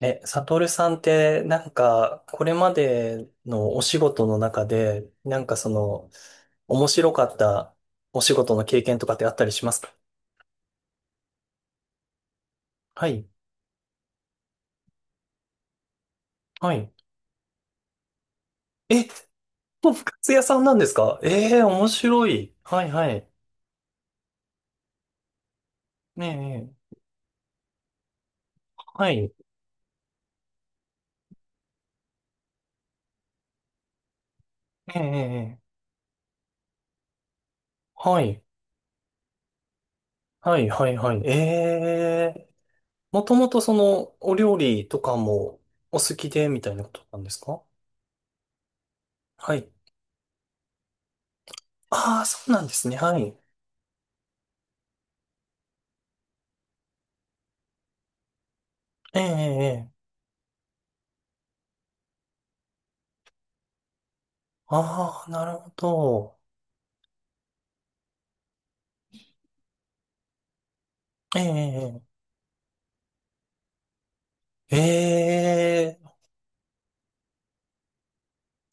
え、サトルさんって、なんか、これまでのお仕事の中で、なんかその、面白かったお仕事の経験とかってあったりしますか？はい、はい。え、とんか屋さんなんですか？ええー、面白い。はい、はい。ねえ、ええはい、ええ、ええええはい、はい、はい、はい。ええ、もともとその、お料理とかもお好きで、みたいなことなんですか？はい。ああ、そうなんですね。はい。ええ、ええ。ええああ、なるほど。ええ、ええ、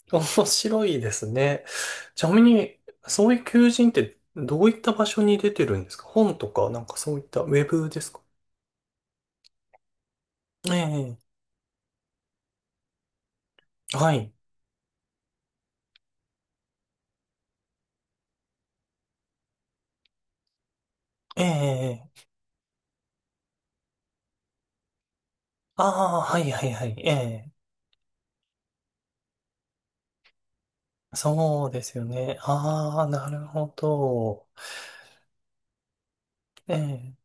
面白いですね。ちなみに、そういう求人ってどういった場所に出てるんですか？本とか、なんかそういったウェブですか？ええ、はい。ええ、ああ、はいはいはい。ええ、そうですよね。ああ、なるほど。ええ、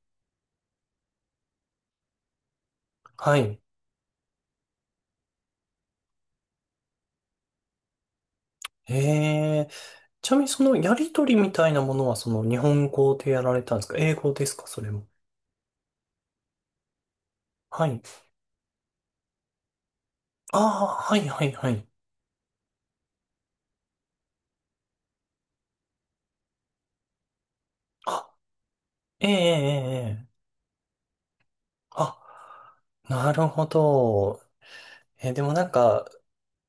はい。ええ、ちなみにそのやりとりみたいなものはその日本語でやられたんですか？英語ですか？それも。はい。ああ、はいはいはい。あ、ええええええあ、なるほど。え、でもなんか、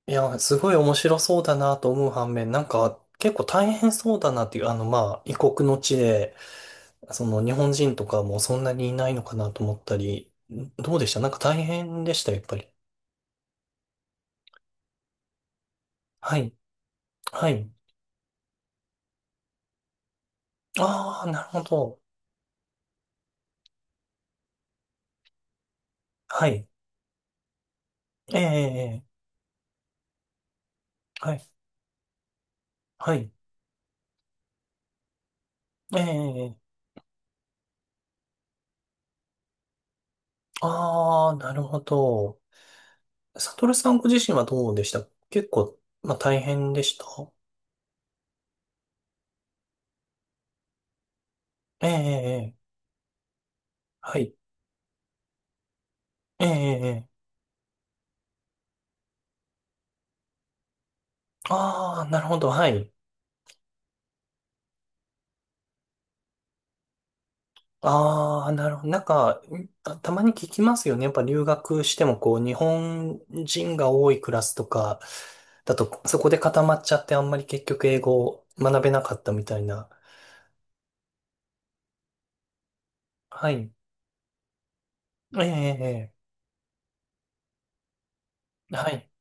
いや、すごい面白そうだなと思う反面、なんか、結構大変そうだなっていう、あの、まあ、異国の地で、その日本人とかもそんなにいないのかなと思ったり、どうでした？なんか大変でした、やっぱり。はい。はい。ああ、なるほど。はい。ええええええはい。はい。ええええええああ、なるほど。サトルさんご自身はどうでした？結構、まあ、大変でしたええ、ええ、ええはい。ええ、ええ、ええああ、なるほど、はい。ああ、なるほど。なんか、あたまに聞きますよね。やっぱ留学しても、こう、日本人が多いクラスとか、だと、そこで固まっちゃって、あんまり結局英語を学べなかったみたいな。はい。ええ、ええ、ええはい。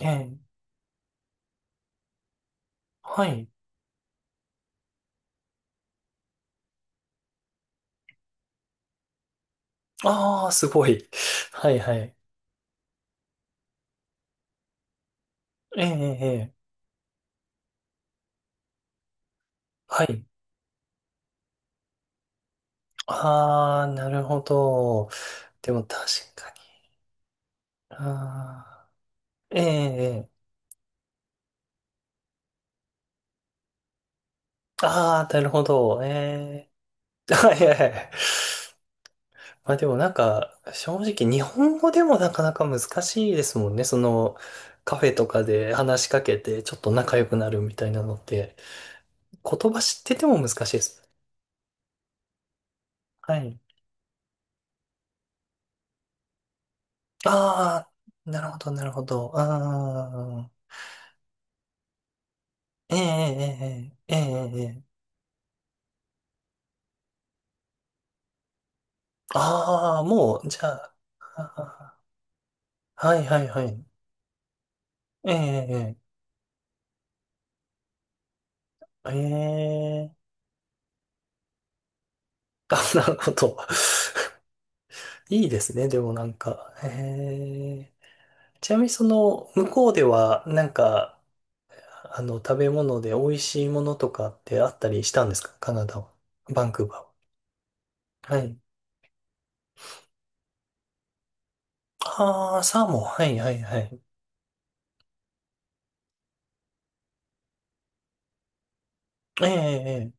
ええ、はい。ああ、すごい。はい、はい。ええ、ええ、ええはい。ああ、なるほど。でも確かに。ああ、ええ、ええ。ああ、なるほど。ええ。あ、いやいやいや。まあでもなんか、正直日本語でもなかなか難しいですもんね。その、カフェとかで話しかけて、ちょっと仲良くなるみたいなのって、言葉知ってても難しいです。はい。ああ、なるほど、なるほど。ああ、ええ、ええ、ええ、ええ。ええああ、もう、じゃあ、ああはいはいはい。ええ、ええ、ええあ、なるほど。いいですね、でもなんか。ええ、ちなみにその、向こうでは、なんか、あの、食べ物で美味しいものとかってあったりしたんですか？カナダは。バンクーバーは。はい。ああ、サーモン。はい、はい、はい。ええ、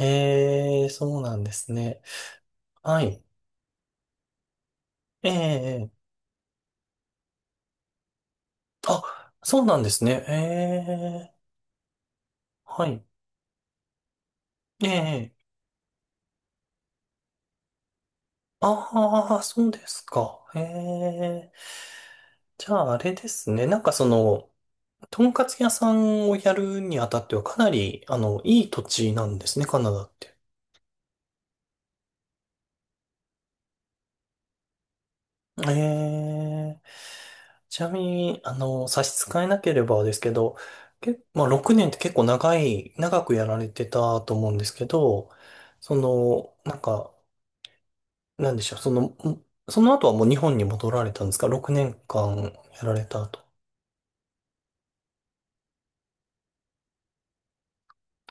ええ、ええそうなんですね。はい。ええ、ええあ、そうなんですね。ええ、はい。ええ、ああ、そうですか。ええ。じゃあ、あれですね。なんかその、とんかつ屋さんをやるにあたってはかなり、あの、いい土地なんですね、カナダって。ええ。ちなみに、あの、差し支えなければですけど、まあ、6年って結構長い、長くやられてたと思うんですけど、その、なんか、なんでしょう、その、その後はもう日本に戻られたんですか？ 6 年間やられた後。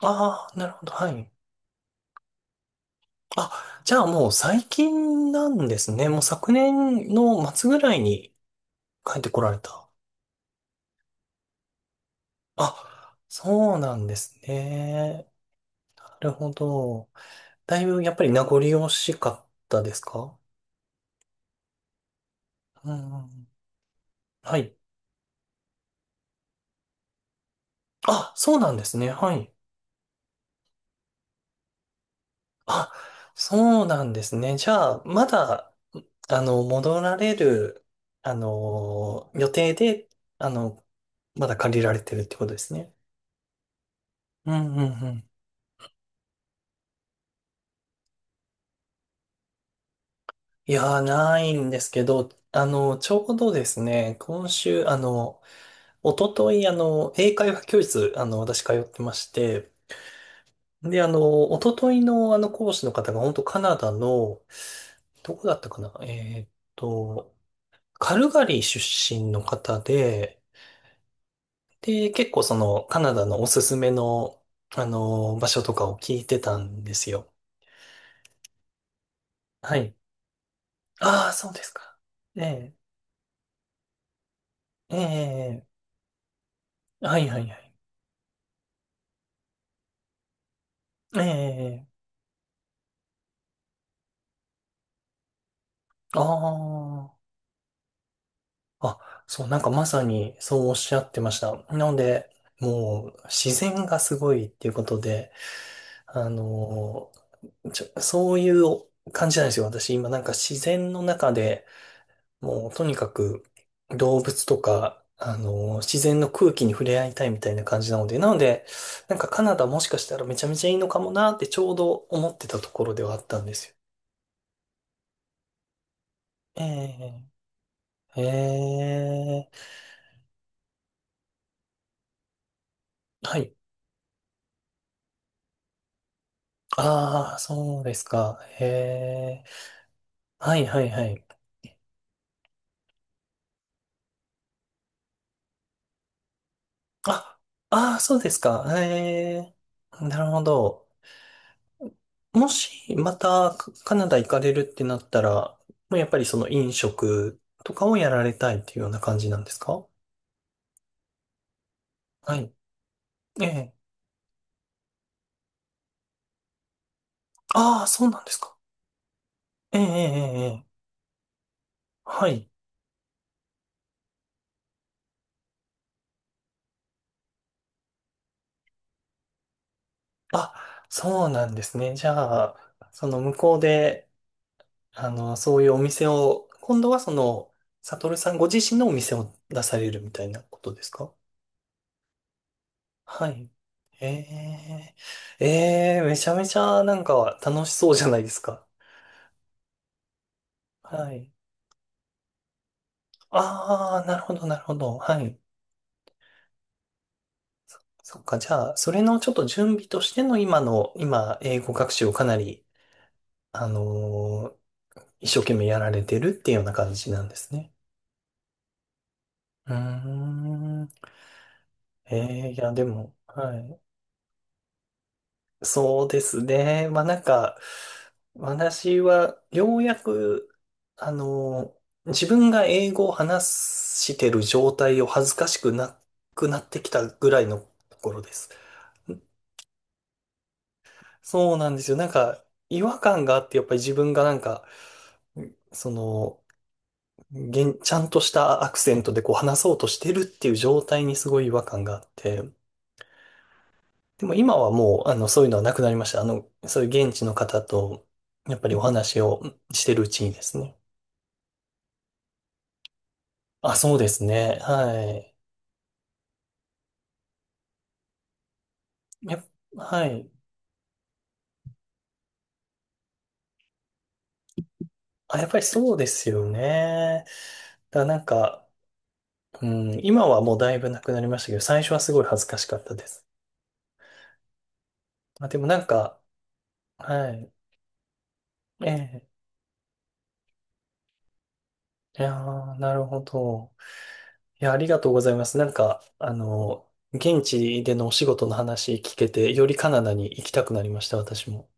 ああ、なるほど、はい。あ、じゃあもう最近なんですね。もう昨年の末ぐらいに帰ってこられた。あ、そうなんですね。なるほど。だいぶやっぱり名残惜しかったですか？うんうん。はい。あ、そうなんですね。はい。あ、そうなんですね。じゃあ、まだ、あの、戻られる、あの、予定で、あの、まだ借りられてるってことですね。うんうんうんいやー、ないんですけど、あの、ちょうどですね、今週、あの、一昨日あの、英会話教室、あの、私通ってまして、で、あの、一昨日のあの、講師の方が、本当カナダの、どこだったかなと、カルガリー出身の方で、で、結構その、カナダのおすすめの、あの、場所とかを聞いてたんですよ。はい。ああ、そうですか。ええ、ええ、はいはいはい。ええああ、あ、そう、なんかまさにそうおっしゃってました。なので、もう自然がすごいっていうことで、あのちょ、そういう感じなんですよ。私今なんか自然の中でもうとにかく動物とか、自然の空気に触れ合いたいみたいな感じなので、なので、なんかカナダもしかしたらめちゃめちゃいいのかもなってちょうど思ってたところではあったんですよ。ええ、ええ、はい。ああ、そうですか。へえ。はいはいはい。あ、ああ、そうですか。ええ、なるほど。もし、また、カカナダ行かれるってなったら、もうやっぱりその飲食とかをやられたいっていうような感じなんですか？はい。ええ。ああ、そうなんですか。ええ、ええ、ええ。はい。あ、そうなんですね。じゃあ、その向こうで、あの、そういうお店を、今度はその、サトルさんご自身のお店を出されるみたいなことですか？はい。えー、えー、めちゃめちゃなんか楽しそうじゃないですか。はい。ああ、なるほど、なるほど。はい。そっか、じゃあ、それのちょっと準備としての今の、今、英語学習をかなり、あのー一生懸命やられてるっていうような感じなんですね。うーん。えー、いや、でも、はい。そうですね。まあなんか、私はようやく、あの、自分が英語を話してる状態を恥ずかしくなくなってきたぐらいのところです。そうなんですよ。なんか、違和感があって、やっぱり自分がなんか、その、現ちゃんとしたアクセントでこう話そうとしてるっていう状態にすごい違和感があって、でも今はもう、あの、そういうのはなくなりました。あの、そういう現地の方と、やっぱりお話をしてるうちにですね。あ、そうですね。はい。や、はい。あ、やっぱりそうですよね。だからなんか、うん、今はもうだいぶなくなりましたけど、最初はすごい恥ずかしかったです。まあ、でもなんか、はい。ええ。いやー、なるほど。いや、ありがとうございます。なんか、あの、現地でのお仕事の話聞けて、よりカナダに行きたくなりました、私も。